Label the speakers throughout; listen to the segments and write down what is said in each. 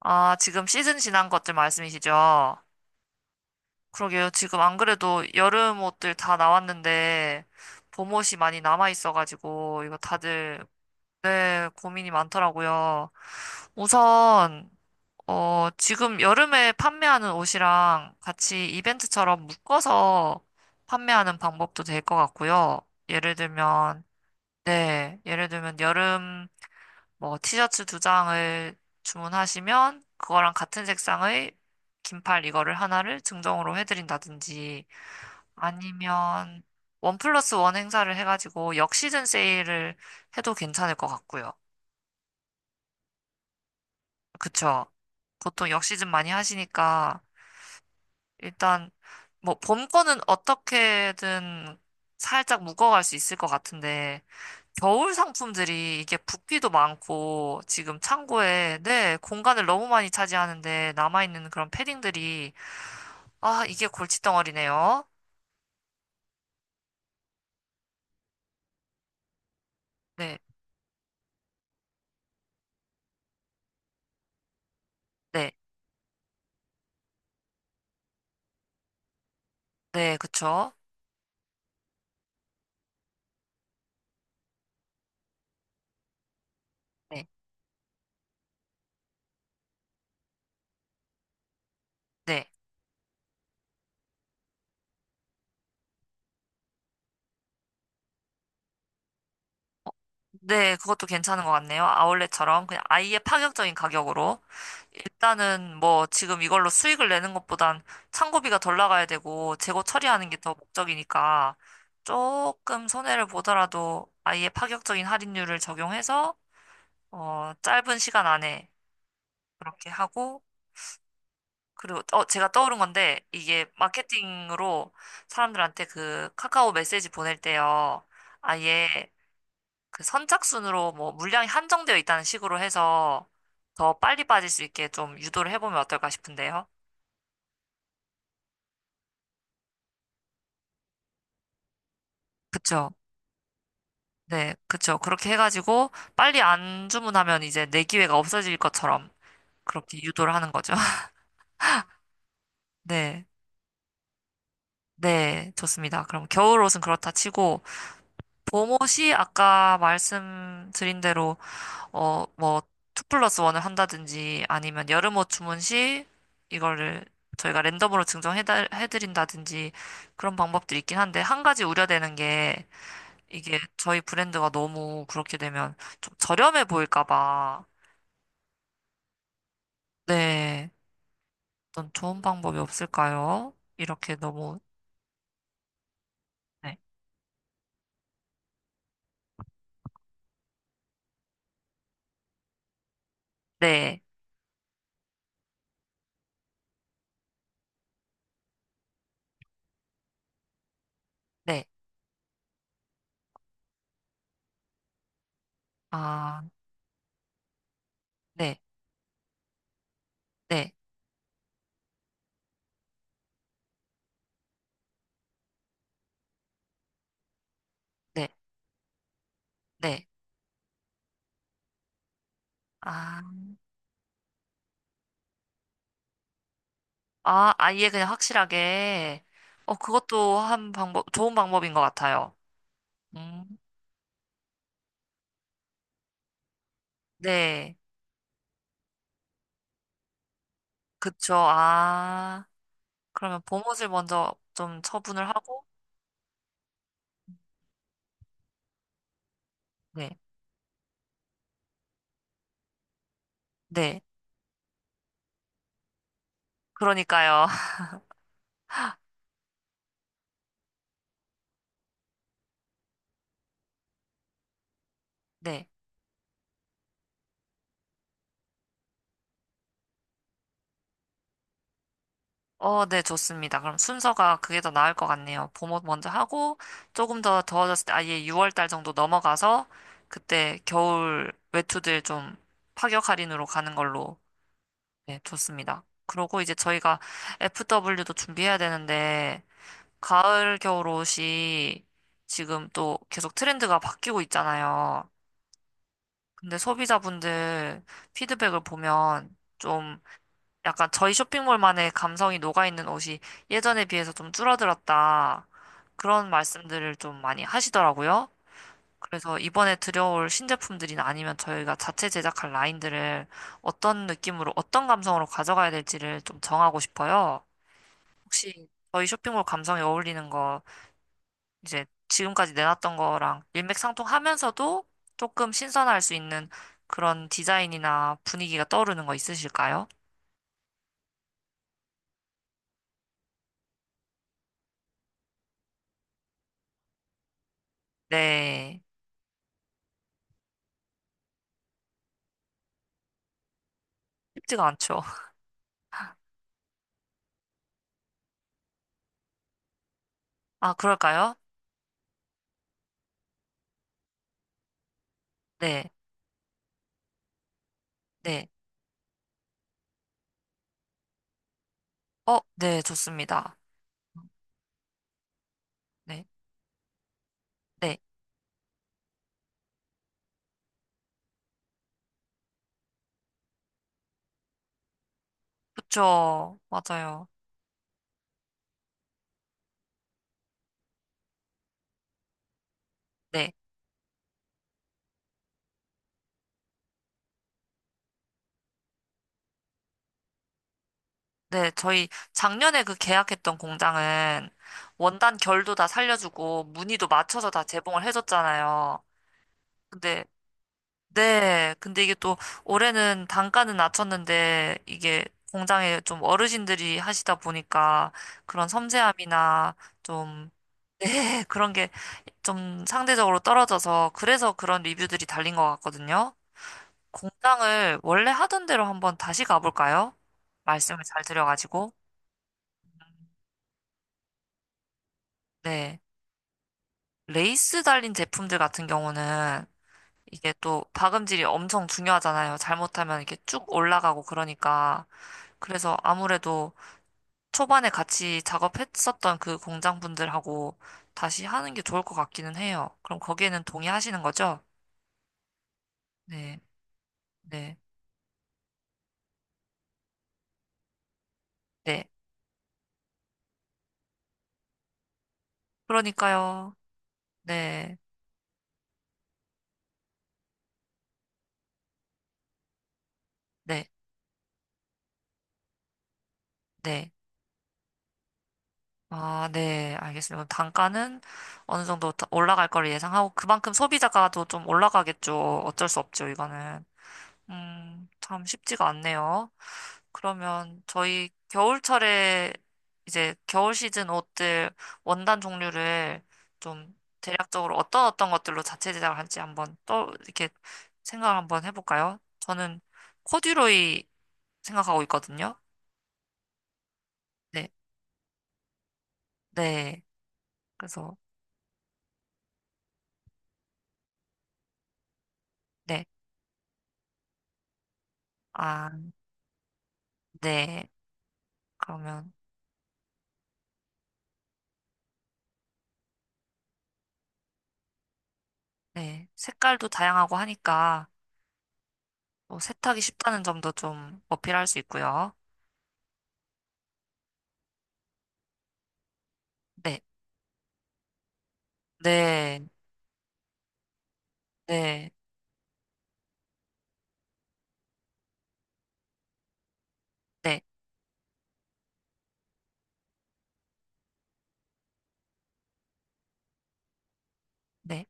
Speaker 1: 아, 지금 시즌 지난 것들 말씀이시죠? 그러게요. 지금 안 그래도 여름 옷들 다 나왔는데 봄 옷이 많이 남아 있어가지고 이거 다들, 네, 고민이 많더라고요. 우선 지금 여름에 판매하는 옷이랑 같이 이벤트처럼 묶어서 판매하는 방법도 될 것 같고요. 예를 들면, 네, 예를 들면 여름 뭐 티셔츠 두 장을 주문하시면 그거랑 같은 색상의 긴팔 이거를 하나를 증정으로 해드린다든지, 아니면 1+1 행사를 해가지고 역시즌 세일을 해도 괜찮을 것 같고요. 그쵸? 보통 역시즌 많이 하시니까. 일단 뭐 봄 거는 어떻게든 살짝 묶어갈 수 있을 것 같은데, 겨울 상품들이 이게 붓기도 많고 지금 창고에, 네, 공간을 너무 많이 차지하는데 남아있는 그런 패딩들이. 아, 이게 골칫덩어리네요. 네, 네, 네, 그쵸. 네, 네. 네, 그것도 괜찮은 것 같네요. 아울렛처럼 그냥 아예 파격적인 가격으로. 일단은 뭐 지금 이걸로 수익을 내는 것보단 창고비가 덜 나가야 되고 재고 처리하는 게 더 목적이니까, 조금 손해를 보더라도 아예 파격적인 할인율을 적용해서 짧은 시간 안에 그렇게 하고, 그리고, 제가 떠오른 건데, 이게 마케팅으로 사람들한테 그 카카오 메시지 보낼 때요, 아예 그 선착순으로 뭐 물량이 한정되어 있다는 식으로 해서 더 빨리 빠질 수 있게 좀 유도를 해보면 어떨까 싶은데요. 그쵸. 네, 그쵸. 그렇게 해가지고, 빨리 안 주문하면 이제 내 기회가 없어질 것처럼 그렇게 유도를 하는 거죠. 네, 네, 좋습니다. 그럼 겨울 옷은 그렇다 치고, 보못이 아까 말씀드린 대로 뭐 투 플러스 원을 한다든지 아니면 여름 옷 주문 시 이거를 저희가 랜덤으로 증정해 해드린다든지 그런 방법들이 있긴 한데, 한 가지 우려되는 게 이게 저희 브랜드가 너무 그렇게 되면 좀 저렴해 보일까 봐. 네. 어떤 좋은 방법이 없을까요? 이렇게 너무. 네. 네. 네. 아, 네. 네. 네. 네. 아. 아, 아예 그냥 확실하게. 그것도 한 방법, 좋은 방법인 것 같아요. 음, 네. 그쵸. 아, 그러면 봄옷을 먼저 좀 처분을 하고, 네. 네. 그러니까요. 네. 네, 좋습니다. 그럼 순서가 그게 더 나을 것 같네요. 봄옷 먼저 하고, 조금 더 더워졌을 때, 아예 6월 달 정도 넘어가서, 그때 겨울 외투들 좀 파격 할인으로 가는 걸로. 네, 좋습니다. 그러고 이제 저희가 FW도 준비해야 되는데, 가을 겨울 옷이 지금 또 계속 트렌드가 바뀌고 있잖아요. 근데 소비자분들 피드백을 보면 좀 약간 저희 쇼핑몰만의 감성이 녹아있는 옷이 예전에 비해서 좀 줄어들었다, 그런 말씀들을 좀 많이 하시더라고요. 그래서 이번에 들여올 신제품들이나 아니면 저희가 자체 제작할 라인들을 어떤 느낌으로, 어떤 감성으로 가져가야 될지를 좀 정하고 싶어요. 혹시 저희 쇼핑몰 감성에 어울리는 거, 이제 지금까지 내놨던 거랑 일맥상통하면서도 조금 신선할 수 있는 그런 디자인이나 분위기가 떠오르는 거 있으실까요? 네. 쉽지가 않죠. 아, 그럴까요? 네. 네. 네, 좋습니다. 네. 네. 그쵸. 맞아요. 네. 네, 저희 작년에 그 계약했던 공장은 원단 결도 다 살려주고 무늬도 맞춰서 다 제공을 해줬잖아요. 근데, 네, 근데 이게 또 올해는 단가는 낮췄는데 이게 공장에 좀 어르신들이 하시다 보니까 그런 섬세함이나 좀. 네, 그런 게 좀 상대적으로 떨어져서 그래서 그런 리뷰들이 달린 것 같거든요. 공장을 원래 하던 대로 한번 다시 가볼까요? 말씀을 잘 드려가지고. 네. 레이스 달린 제품들 같은 경우는 이게 또 박음질이 엄청 중요하잖아요. 잘못하면 이렇게 쭉 올라가고 그러니까. 그래서 아무래도 초반에 같이 작업했었던 그 공장 분들하고 다시 하는 게 좋을 것 같기는 해요. 그럼 거기에는 동의하시는 거죠? 네, 네, 네. 그러니까요. 네, 네, 네. 아, 네. 알겠습니다. 그럼 단가는 어느 정도 올라갈 거를 예상하고 그만큼 소비자가도 좀 올라가겠죠. 어쩔 수 없죠, 이거는. 참 쉽지가 않네요. 그러면 저희 겨울철에 이제 겨울 시즌 옷들 원단 종류를 좀 대략적으로 어떤 어떤 것들로 자체 제작을 할지 한번 또 이렇게 생각을 한번 해볼까요? 저는 코듀로이 생각하고 있거든요. 네, 네. 그래서, 네. 아, 네. 그러면, 네. 색깔도 다양하고 하니까 또 세탁이 쉽다는 점도 좀 어필할 수 있고요. 네, 네, 네. 네, 네.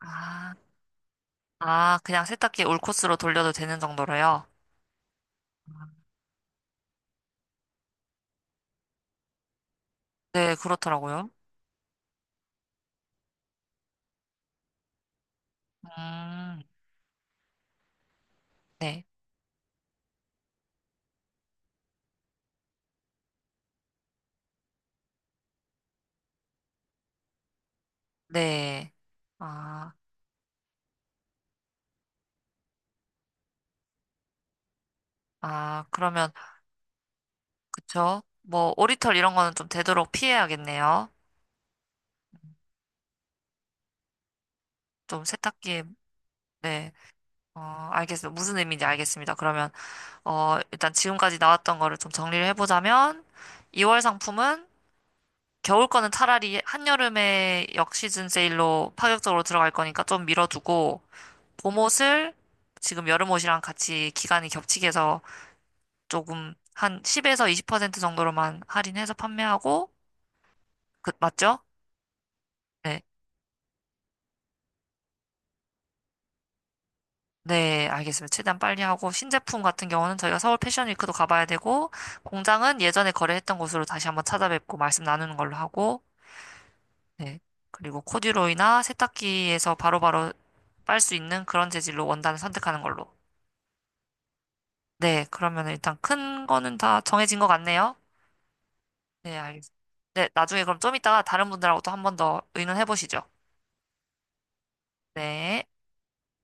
Speaker 1: 아, 아, 그냥 세탁기 올 코스로 돌려도 되는 정도로요? 네, 그렇더라고요. 음, 네, 네. 아, 아, 그러면, 그쵸? 뭐, 오리털 이런 거는 좀 되도록 피해야겠네요. 좀 세탁기에, 네, 어, 알겠어요. 무슨 의미인지 알겠습니다. 그러면, 일단 지금까지 나왔던 거를 좀 정리를 해보자면, 2월 상품은 겨울 거는 차라리 한여름에 역시즌 세일로 파격적으로 들어갈 거니까 좀 밀어두고, 봄옷을 지금 여름옷이랑 같이 기간이 겹치게 해서 조금 한 10에서 20% 정도로만 할인해서 판매하고, 그, 맞죠? 네. 네, 알겠습니다. 최대한 빨리 하고, 신제품 같은 경우는 저희가 서울 패션위크도 가봐야 되고, 공장은 예전에 거래했던 곳으로 다시 한번 찾아뵙고 말씀 나누는 걸로 하고, 네. 그리고 코듀로이나 세탁기에서 바로바로 빨 수 있는 그런 재질로 원단을 선택하는 걸로. 네, 그러면 일단 큰 거는 다 정해진 것 같네요. 네, 알겠습니다. 네, 나중에 그럼 좀 이따가 다른 분들하고도 한 번 더 의논해 보시죠. 네.